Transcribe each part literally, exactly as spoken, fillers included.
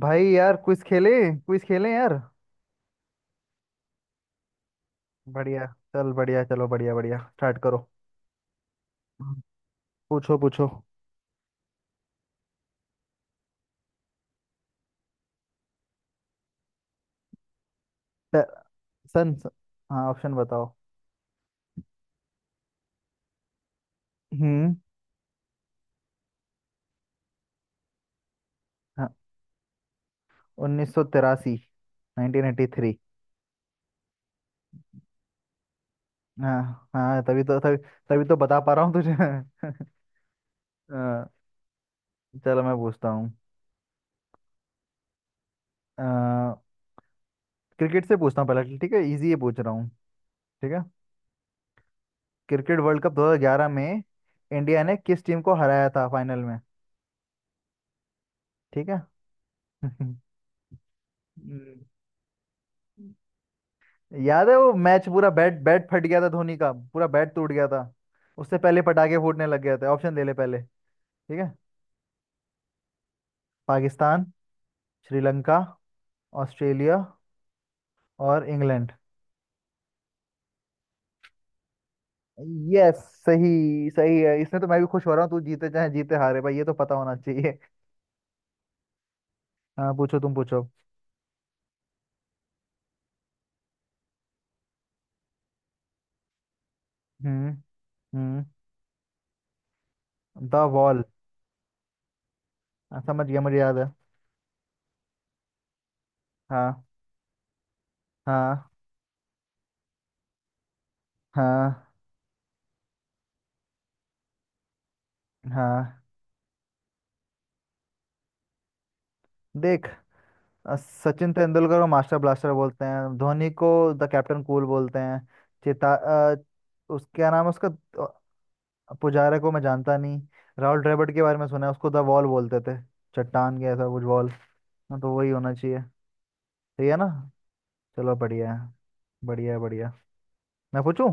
भाई यार क्विज खेले। क्विज खेले यार। बढ़िया। चल बढ़िया चलो बढ़िया बढ़िया स्टार्ट करो। हम्म। पूछो पूछो। प- सन स- हाँ ऑप्शन बताओ। हम्म हाँ उन्नीस सौ तिरासी। Nineteen eighty three. हाँ हाँ, तभी तो तभी तभी तो बता पा रहा हूँ तुझे। अ, चलो मैं पूछता हूँ। अ, क्रिकेट से पूछता हूँ पहले, ठीक है, इजी ये पूछ रहा हूँ, ठीक है। क्रिकेट वर्ल्ड कप दो हजार ग्यारह में इंडिया ने किस टीम को हराया था फाइनल में? ठीक है। हम्म। याद है वो मैच, पूरा बैट बैट फट गया था धोनी का, पूरा बैट टूट गया था। उससे पहले पटाखे फूटने लग गए थे। ऑप्शन ले ले पहले, ठीक है। पाकिस्तान, श्रीलंका, ऑस्ट्रेलिया और इंग्लैंड। यस। सही, सही है। इसमें तो मैं भी खुश हो रहा हूँ। तू जीते चाहे जीते हारे भाई, ये तो पता होना चाहिए। हाँ पूछो, तुम पूछो। हम्म। हम्म। The wall. हाँ, समझ गया, मुझे याद है। हाँ। हाँ। हाँ। हाँ। देख, अ, सचिन तेंदुलकर को मास्टर ब्लास्टर बोलते हैं, धोनी को द कैप्टन कूल बोलते हैं। चेता, अ, उस क्या नाम है उसका, अ, पुजारा को मैं जानता नहीं। राहुल द्रविड़ के बारे में सुना है, उसको द वॉल बोलते थे, चट्टान के ऐसा कुछ वॉल। हाँ तो वही होना चाहिए। सही है ना? चलो बढ़िया है। बढ़िया है बढ़िया। मैं पूछूं।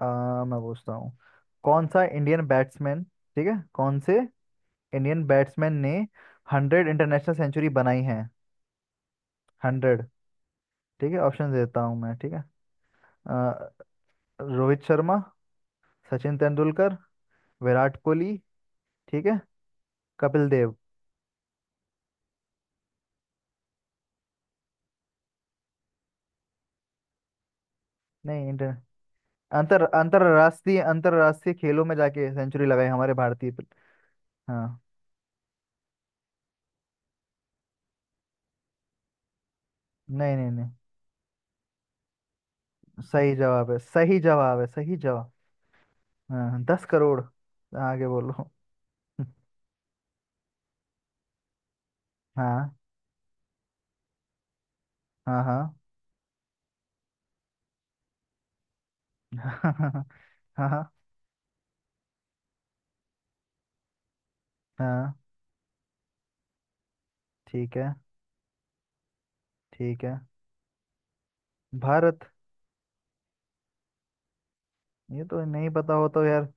आ, मैं पूछता हूँ। कौन सा इंडियन बैट्समैन ठीक है कौन से इंडियन बैट्समैन ने हंड्रेड इंटरनेशनल सेंचुरी बनाई है? हंड्रेड। ठीक है, ऑप्शन देता हूँ मैं, ठीक है। रोहित शर्मा, सचिन तेंदुलकर, विराट कोहली, ठीक है, कपिल देव। नहीं, इंटर अंतर अंतरराष्ट्रीय अंतरराष्ट्रीय खेलों में जाके सेंचुरी लगाई हमारे भारतीय प्ल- हाँ। नहीं नहीं नहीं। सही जवाब है, सही जवाब है, सही जवाब। हाँ। हाँ, दस करोड़। आगे बोलो। हाँ। हाँ। हाँ। हाँ। हाँ। हाँ। ठीक है। ठीक है। भारत। ये तो नहीं पता हो तो यार।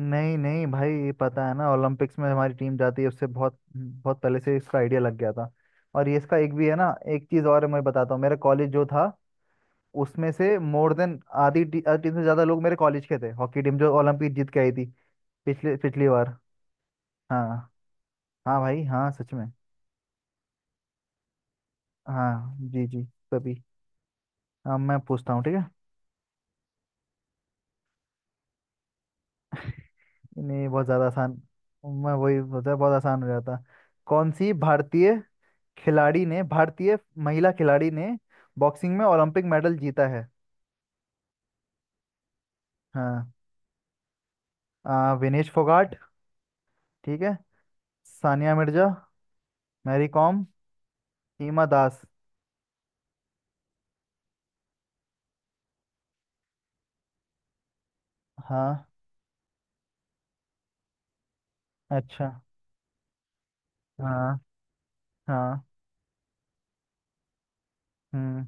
नहीं नहीं भाई, ये पता है ना, ओलंपिक्स में हमारी टीम जाती है उससे बहुत बहुत पहले से इसका आइडिया लग गया था। और ये इसका एक भी है ना। एक चीज़ और मैं बताता हूँ, मेरा कॉलेज जो था, उसमें से मोर देन आधी टी, आधी टीम से ज़्यादा लोग मेरे कॉलेज के थे, हॉकी टीम जो ओलंपिक जीत के आई थी पिछले पिछली बार। हाँ। हाँ भाई, हाँ सच में। हाँ जी जी। कभी। हाँ मैं पूछता हूँ, ठीक है। नहीं, बहुत ज़्यादा आसान। मैं वही सोचा, बहुत आसान हो जाता। कौन सी भारतीय खिलाड़ी ने भारतीय महिला खिलाड़ी ने बॉक्सिंग में ओलंपिक मेडल जीता है? हाँ। आ, विनेश फोगाट, ठीक है, सानिया मिर्जा, मैरी कॉम, हिमा दास। हाँ। अच्छा। हाँ। हाँ। हम्म।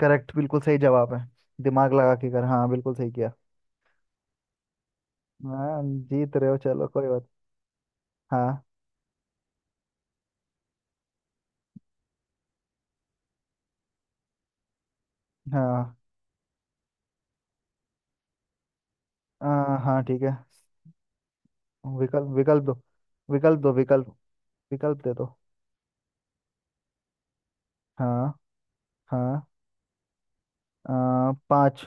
करेक्ट, बिल्कुल सही जवाब है। दिमाग लगा के कर, हाँ बिल्कुल सही किया। हाँ जीत रहे हो, चलो कोई बात। हाँ। हाँ। आ, हाँ ठीक है। विकल्प विकल्प दो विकल्प दो विकल्प विकल्प दे दो। हाँ। हाँ। आ, पाँच।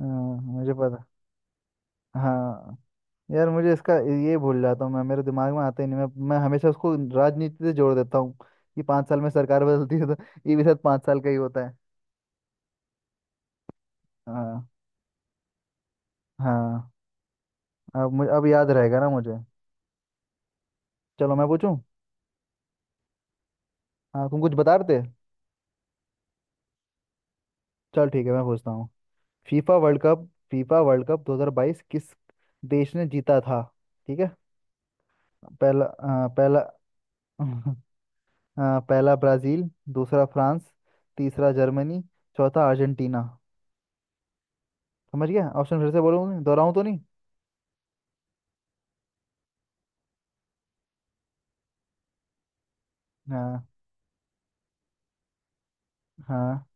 हाँ, मुझे पता। हाँ यार मुझे इसका, ये भूल जाता हूँ मैं, मेरे दिमाग में आता ही नहीं। मैं मैं हमेशा उसको राजनीति से जोड़ देता हूँ कि पाँच साल में सरकार बदलती है, तो ये भी शायद पाँच साल का ही होता है। हाँ। हाँ। अब मुझे, अब याद रहेगा ना मुझे। चलो मैं पूछूं। हाँ तुम कुछ बता रहे थे। चल ठीक है मैं पूछता हूँ। FIFA world cup FIFA world cup दो हजार बाईस किस देश ने जीता था? ठीक है। पहला, अ, पहला अ, पहला ब्राज़ील, दूसरा फ्रांस, तीसरा जर्मनी, चौथा अर्जेंटीना। समझ गया। ऑप्शन फिर से बोलूँ, दोहराऊँ तो नहीं। हाँ। हाँ,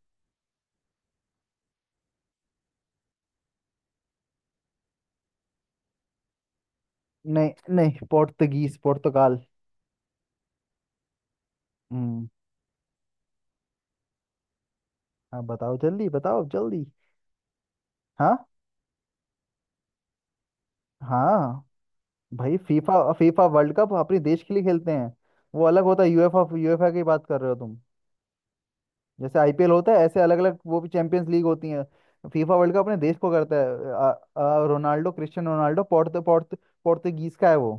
नहीं नहीं, पोर्तुगीज, पुर्तगाल। हम्म। हाँ बताओ जल्दी, बताओ जल्दी। हाँ। हाँ। भाई फीफा फीफा वर्ल्ड कप अपने देश के लिए खेलते हैं, वो अलग होता है। यूएफा यूएफा की बात कर रहे हो तुम। जैसे आईपीएल होता है, ऐसे अलग अलग, वो भी चैंपियंस लीग होती है। फीफा वर्ल्ड कप अपने देश को करता है। आ, आ, रोनाल्डो क्रिस्टियानो रोनाल्डो पोर्त पोर्त पोर्तुगीज का है वो।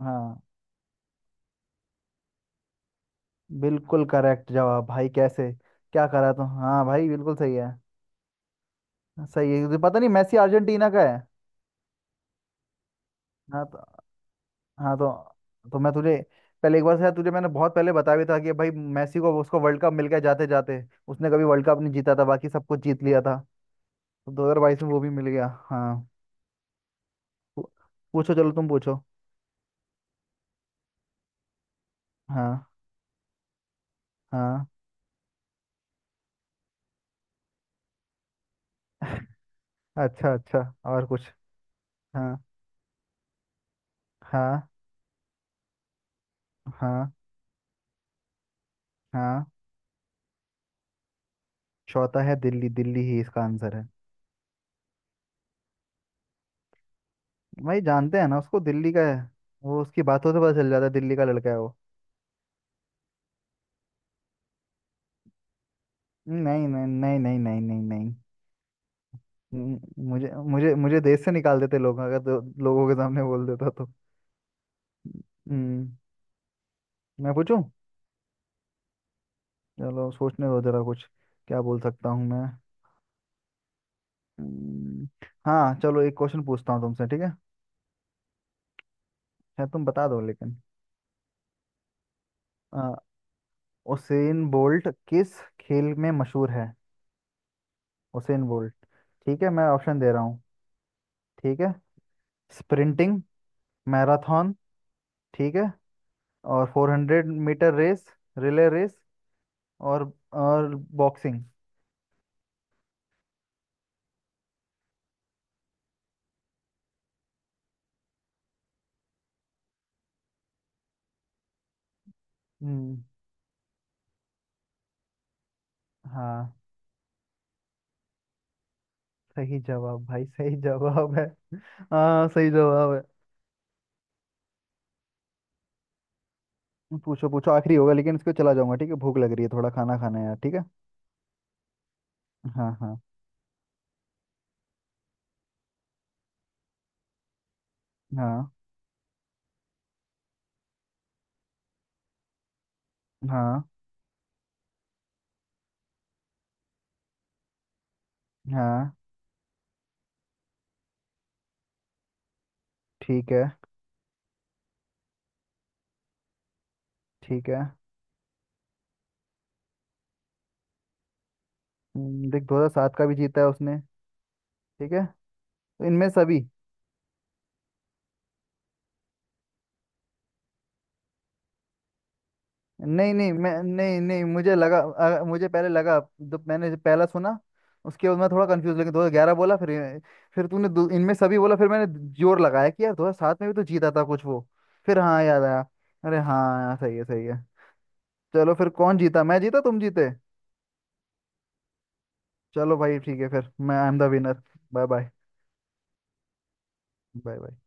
हाँ। बिल्कुल करेक्ट जवाब भाई, कैसे क्या करा तुम, हाँ भाई बिल्कुल सही है। सही है, पता नहीं, मेसी अर्जेंटीना का है। हाँ तो हाँ तो तो मैं तुझे पहले एक बार शायद तुझे मैंने बहुत पहले बताया भी था कि भाई मेसी को, उसको वर्ल्ड कप मिल गया जाते जाते। उसने कभी वर्ल्ड कप नहीं जीता था, बाकी सब कुछ जीत लिया था। तो दो हजार बाईस में वो भी मिल गया। हाँ। पू- पूछो चलो, तुम पूछो। हाँ। हाँ। अच्छा अच्छा। और कुछ? हाँ। हाँ। हाँ। हाँ। चौथा है दिल्ली, दिल्ली ही इसका आंसर है। भाई जानते हैं ना उसको, दिल्ली का है वो। उसकी बातों से पता चल जाता है, दिल्ली का लड़का है वो। नहीं नहीं नहीं नहीं नहीं नहीं नहीं। हम्म, मुझे मुझे मुझे देश से निकाल देते लोग अगर, तो लोगों के सामने बोल देता तो। हम्म, मैं पूछूं। चलो सोचने दो जरा कुछ, क्या बोल सकता हूँ मैं। हम्म, हाँ चलो एक क्वेश्चन पूछता हूँ तुमसे, ठीक है। शायद तुम बता दो लेकिन। आ, उसेन बोल्ट किस खेल में मशहूर है? Usain Bolt. ठीक है, मैं ऑप्शन दे रहा हूँ, ठीक है। स्प्रिंटिंग, मैराथन, ठीक है, और four hundred metre race, relay race, और और बॉक्सिंग। हम्म। हाँ सही जवाब भाई, सही जवाब है। हाँ सही जवाब है। पूछो पूछो, आखिरी होगा लेकिन, इसको चला जाऊंगा, ठीक है, भूख लग रही है, थोड़ा खाना खाना है यार, ठीक है। हाँ हाँ। हाँ। हाँ। हाँ। ठीक है। ठीक है। हम्म, देख, दो हजार सात का भी जीता है उसने, ठीक है, तो इनमें सभी। नहीं नहीं, मैं नहीं नहीं मुझे लगा, अ, मुझे पहले लगा, जब मैंने, जब पहला सुना, उसके बाद मैं थोड़ा कंफ्यूज, लेकिन दो हजार ग्यारह बोला, फिर फिर तूने दो- इनमें सभी बोला, फिर मैंने जोर लगाया कि यार दो हजार सात में भी तो जीता था कुछ वो, फिर हाँ याद आया। अरे हाँ यार सही है, सही है। चलो फिर, कौन जीता, मैं जीता तुम जीते। चलो भाई ठीक है फिर, मैं I am the winner. Bye bye. Bye bye.